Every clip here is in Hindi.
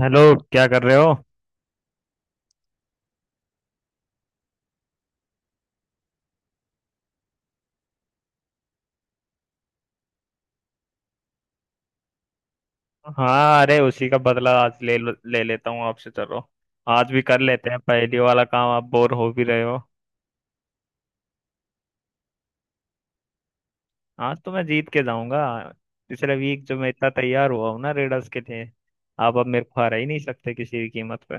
हेलो। क्या कर रहे हो। हाँ, अरे उसी का बदला आज ले लेता हूँ आपसे। चलो। आज भी कर लेते हैं पहली वाला काम। आप बोर हो भी रहे हो। आज तो मैं जीत के जाऊंगा। पिछले वीक जो मैं इतना तैयार हुआ हूँ ना रेडर्स के लिए। आप अब मेरे को हरा ही नहीं सकते किसी भी कीमत पे।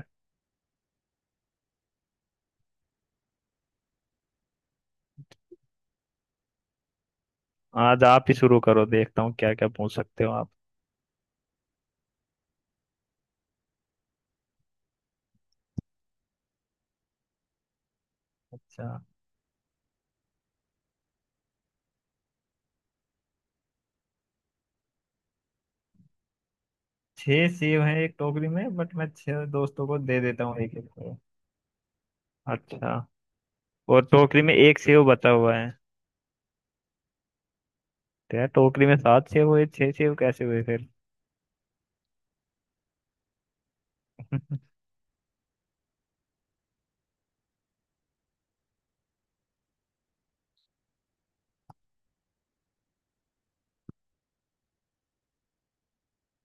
आज आप ही शुरू करो। देखता हूँ क्या क्या पूछ सकते हो आप। अच्छा। छह सेब हैं एक टोकरी में, बट मैं छह दोस्तों को दे देता हूँ एक एक को। अच्छा। और टोकरी में एक सेव बचा हुआ है। तो यार टोकरी में सात सेव हुए, छह सेव कैसे हुए फिर?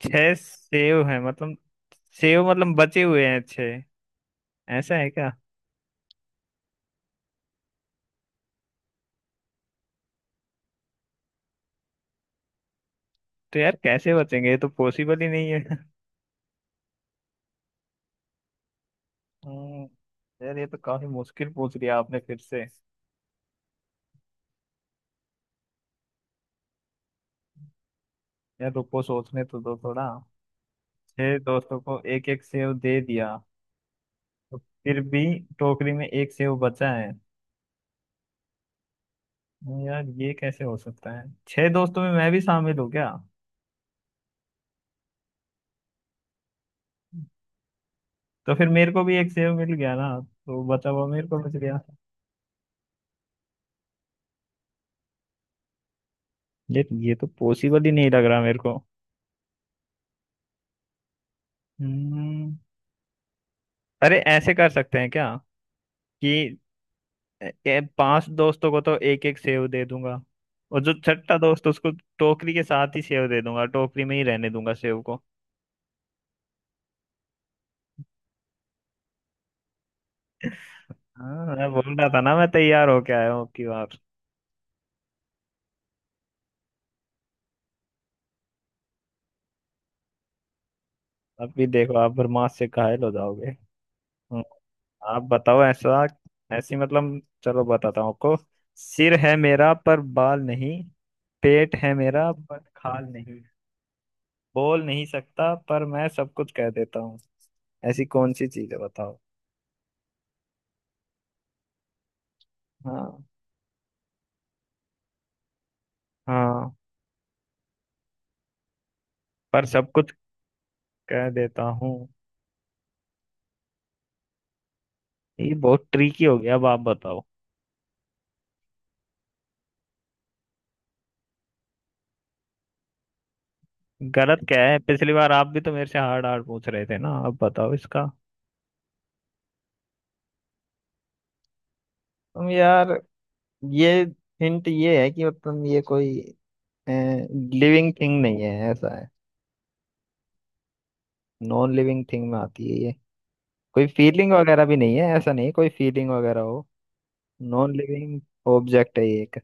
छह सेव है मतलब, सेव मतलब बचे हुए हैं छह। ऐसा है क्या। तो यार कैसे बचेंगे, ये तो पॉसिबल ही नहीं है। हम्म, यार ये तो काफी मुश्किल पूछ लिया आपने फिर से। यार रुको, सोचने तो दो थोड़ा। छह दोस्तों को एक एक सेव दे दिया। तो फिर भी टोकरी में एक सेव बचा है। यार ये कैसे हो सकता है, छह दोस्तों में मैं भी शामिल हूँ क्या। तो फिर मेरे को भी एक सेव मिल गया ना। तो बचा हुआ मेरे को बच गया। ये तो पॉसिबल ही नहीं लग रहा मेरे को। हम्म, अरे ऐसे कर सकते हैं क्या। कि पांच दोस्तों को तो एक एक सेव दे दूंगा। और जो छठा दोस्त उसको टोकरी के साथ ही सेव दे दूंगा, टोकरी में ही रहने दूंगा सेव को। हाँ, मैं बोल रहा था ना, मैं तैयार होके आया हूँ आपकी बार। अब भी देखो, आप बर्मास से घायल हो जाओगे। हम्म, आप बताओ ऐसा। ऐसी मतलब चलो, बताता हूँ आपको। सिर है मेरा पर बाल नहीं। पेट है मेरा पर खाल नहीं। बोल नहीं सकता पर मैं सब कुछ कह देता हूँ। ऐसी कौन सी चीज है बताओ। हाँ। हाँ। पर सब कुछ कह देता हूँ। ये बहुत ट्रिकी हो गया, अब आप बताओ। गलत क्या है, पिछली बार आप भी तो मेरे से हार्ड हार्ड पूछ रहे थे ना, अब बताओ इसका। तुम यार। ये हिंट ये है कि मतलब ये कोई लिविंग थिंग नहीं है, ऐसा है। नॉन लिविंग थिंग में आती है ये। कोई फीलिंग वगैरह भी नहीं है, ऐसा नहीं है कोई फीलिंग वगैरह हो। नॉन लिविंग ऑब्जेक्ट है ये एक।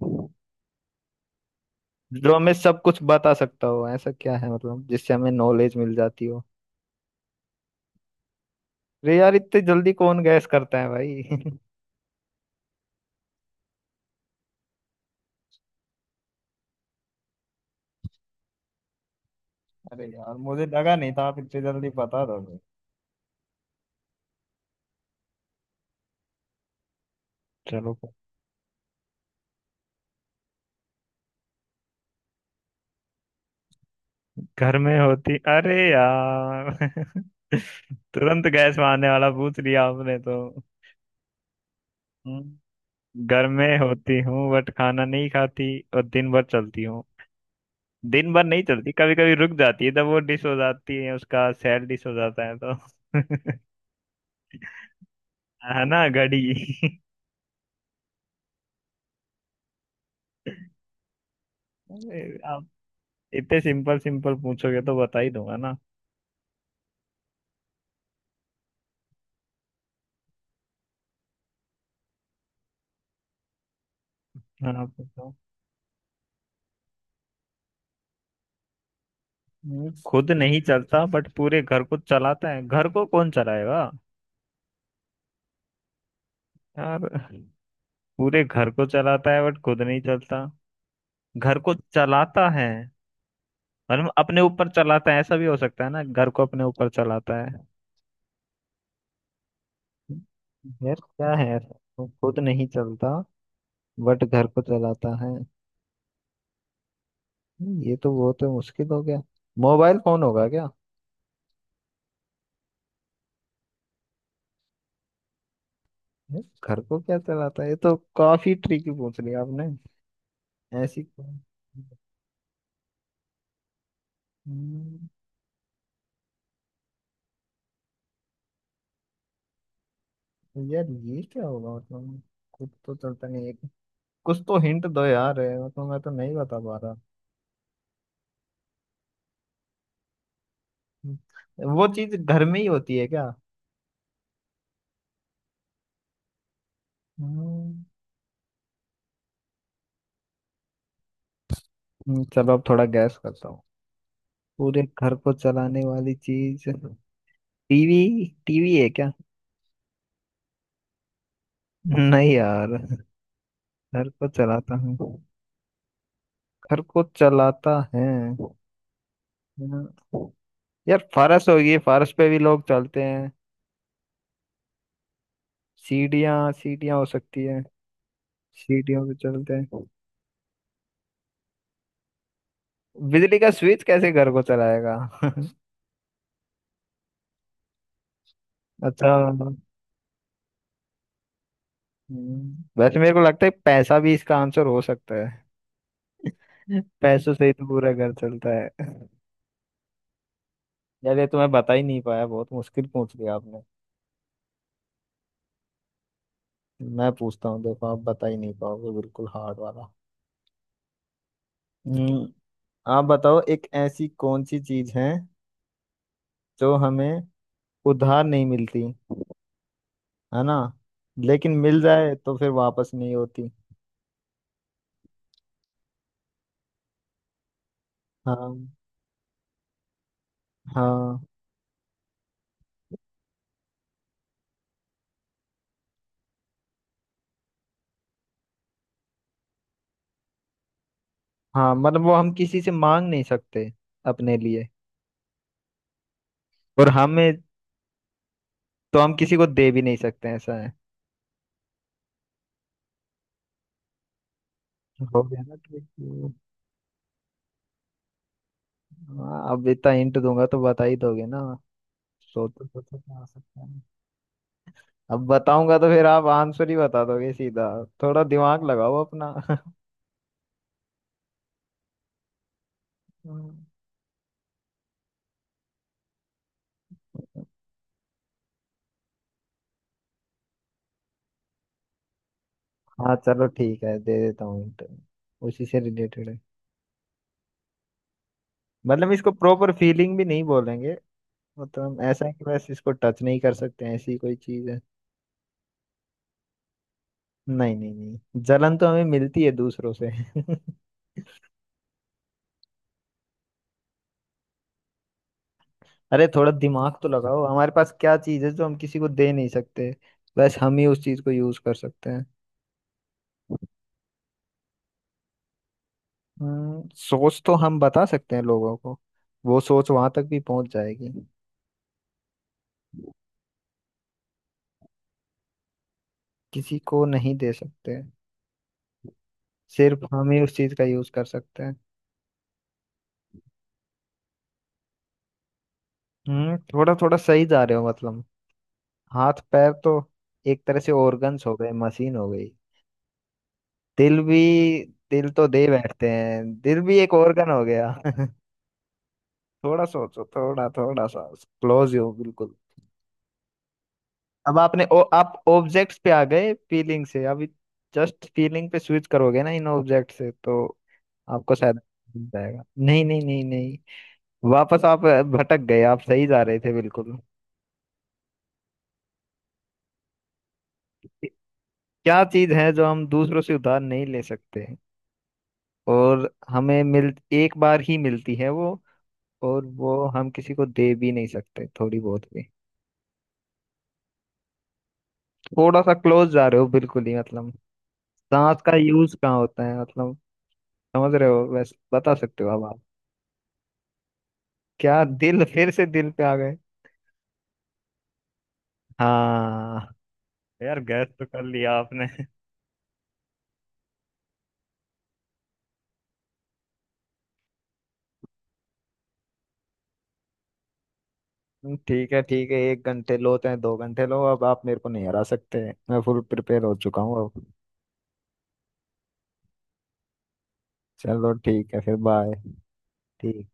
जो हमें सब कुछ बता सकता हो ऐसा क्या है मतलब, जिससे हमें नॉलेज मिल जाती हो। अरे यार इतनी जल्दी कौन गैस करता है भाई। अरे यार, मुझे लगा नहीं था आप इतनी जल्दी बता दोगे। चलो। घर में होती, अरे यार। तुरंत गैस मारने वाला पूछ लिया आपने तो। हम्म, घर में होती हूँ बट खाना नहीं खाती। और दिन भर चलती हूँ। दिन भर नहीं चलती, कभी कभी रुक जाती है जब वो डिश हो जाती है, उसका सैड डिश हो जाता है तो। है ना, घड़ी। अरे, आप इतने सिंपल सिंपल पूछोगे तो बता ही दूंगा ना। हाँ, पूछो। खुद नहीं चलता बट पूरे घर को चलाता है, घर को कौन चलाएगा। यार पूरे घर को चलाता है बट खुद नहीं चलता। घर को चलाता है। और अपने ऊपर चलाता है, ऐसा भी हो सकता है ना, घर को अपने ऊपर चलाता है। यार क्या है ऐसा, वो खुद नहीं चलता। बट घर को चलाता है। ये तो बहुत मुश्किल हो गया। मोबाइल फोन होगा क्या। ये घर को क्या चलाता है, ये तो काफी ट्रिकी पूछ लिया आपने। ऐसी कौन- हम्म, तो यार ये क्या होगा मतलब। खुद तो चलता नहीं है। कुछ तो हिंट दो यार। मतलब मैं तो नहीं बता पा रहा। हम्म, वो चीज घर में ही होती है क्या। हम्म, चलो अब थोड़ा गैस करता हूँ। पूरे घर को चलाने वाली चीज। टीवी टीवी है क्या। नहीं यार। घर को चलाता हूँ। घर को चलाता है। हम्म, यार फारस होगी, फारस पे भी लोग चलते हैं। सीढ़ियाँ सीढ़ियाँ हो सकती है। सीढ़ियों पे चलते हैं। बिजली का स्विच कैसे घर को चलाएगा। अच्छा। वैसे मेरे को लगता है पैसा भी इसका आंसर हो सकता है। पैसों से ही तो पूरा घर चलता है। यार ये तो मैं बता ही नहीं पाया, बहुत मुश्किल पूछ लिया आपने। मैं पूछता हूँ, देखो आप बता ही नहीं पाओगे, बिल्कुल हार्ड वाला। हम्म, आप बताओ एक ऐसी कौन सी चीज है, जो हमें उधार नहीं मिलती, है ना, लेकिन मिल जाए तो फिर वापस नहीं होती। हाँ। हाँ। हाँ, मतलब वो हम किसी से मांग नहीं सकते अपने लिए। और हमें, तो हम किसी को दे भी नहीं सकते, ऐसा है। हो गया ना ट्रिक ये? हाँ, अब इतना हिंट दूंगा तो बता ही दोगे ना। सोचो सोचो क्या हो सकता है। अब बताऊंगा तो फिर आप आंसर ही बता दोगे सीधा। थोड़ा दिमाग लगाओ अपना। हम्म। हाँ, चलो ठीक है, दे देता हूँ हिंट। उसी से रिलेटेड है। मतलब इसको प्रॉपर फीलिंग भी नहीं बोलेंगे। मतलब हम, ऐसा है कि बस इसको टच नहीं कर सकते हैं, ऐसी कोई चीज है। नहीं नहीं नहीं, जलन तो हमें मिलती है दूसरों से। अरे थोड़ा दिमाग तो लगाओ, हमारे पास क्या चीज है जो हम किसी को दे नहीं सकते। बस हम ही उस चीज को यूज कर सकते हैं। सोच तो हम बता सकते हैं लोगों को। वो सोच वहां तक भी पहुंच जाएगी। किसी को नहीं दे सकते। सिर्फ हम ही उस चीज का यूज कर सकते हैं। थोड़ा थोड़ा सही जा रहे हो मतलब। हाथ पैर तो एक तरह से ऑर्गन्स हो गए, मशीन हो गई। दिल भी। दिल तो दे बैठते हैं, दिल भी एक organ हो गया। थोड़ा सोचो, थोड़ा थोड़ा सा। क्लोज हो बिल्कुल। अब आपने, ओ, आप ऑब्जेक्ट्स पे आ गए फीलिंग से अभी। जस्ट फीलिंग पे स्विच करोगे ना इन ऑब्जेक्ट से तो, आपको शायद मिल जाएगा। नहीं नहीं नहीं नहीं, वापस आप भटक गए, आप सही जा रहे थे बिल्कुल। क्या चीज है जो हम दूसरों से उधार नहीं ले सकते। और हमें मिल एक बार ही मिलती है वो। और वो हम किसी को दे भी नहीं सकते, थोड़ी बहुत भी। थोड़ा सा क्लोज जा रहे हो बिल्कुल ही, मतलब। सांस का यूज कहाँ होता है मतलब। समझ रहे हो, वैसे बता सकते हो अब आप। क्या, दिल फिर से दिल पे आ गए। हाँ। यार गैस तो कर लिया आपने। ठीक है ठीक है, 1 घंटे लो चाहे 2 घंटे लो, अब आप मेरे को नहीं हरा सकते। मैं फुल प्रिपेयर हो चुका हूँ अब। चलो ठीक है, फिर बाय। ठीक।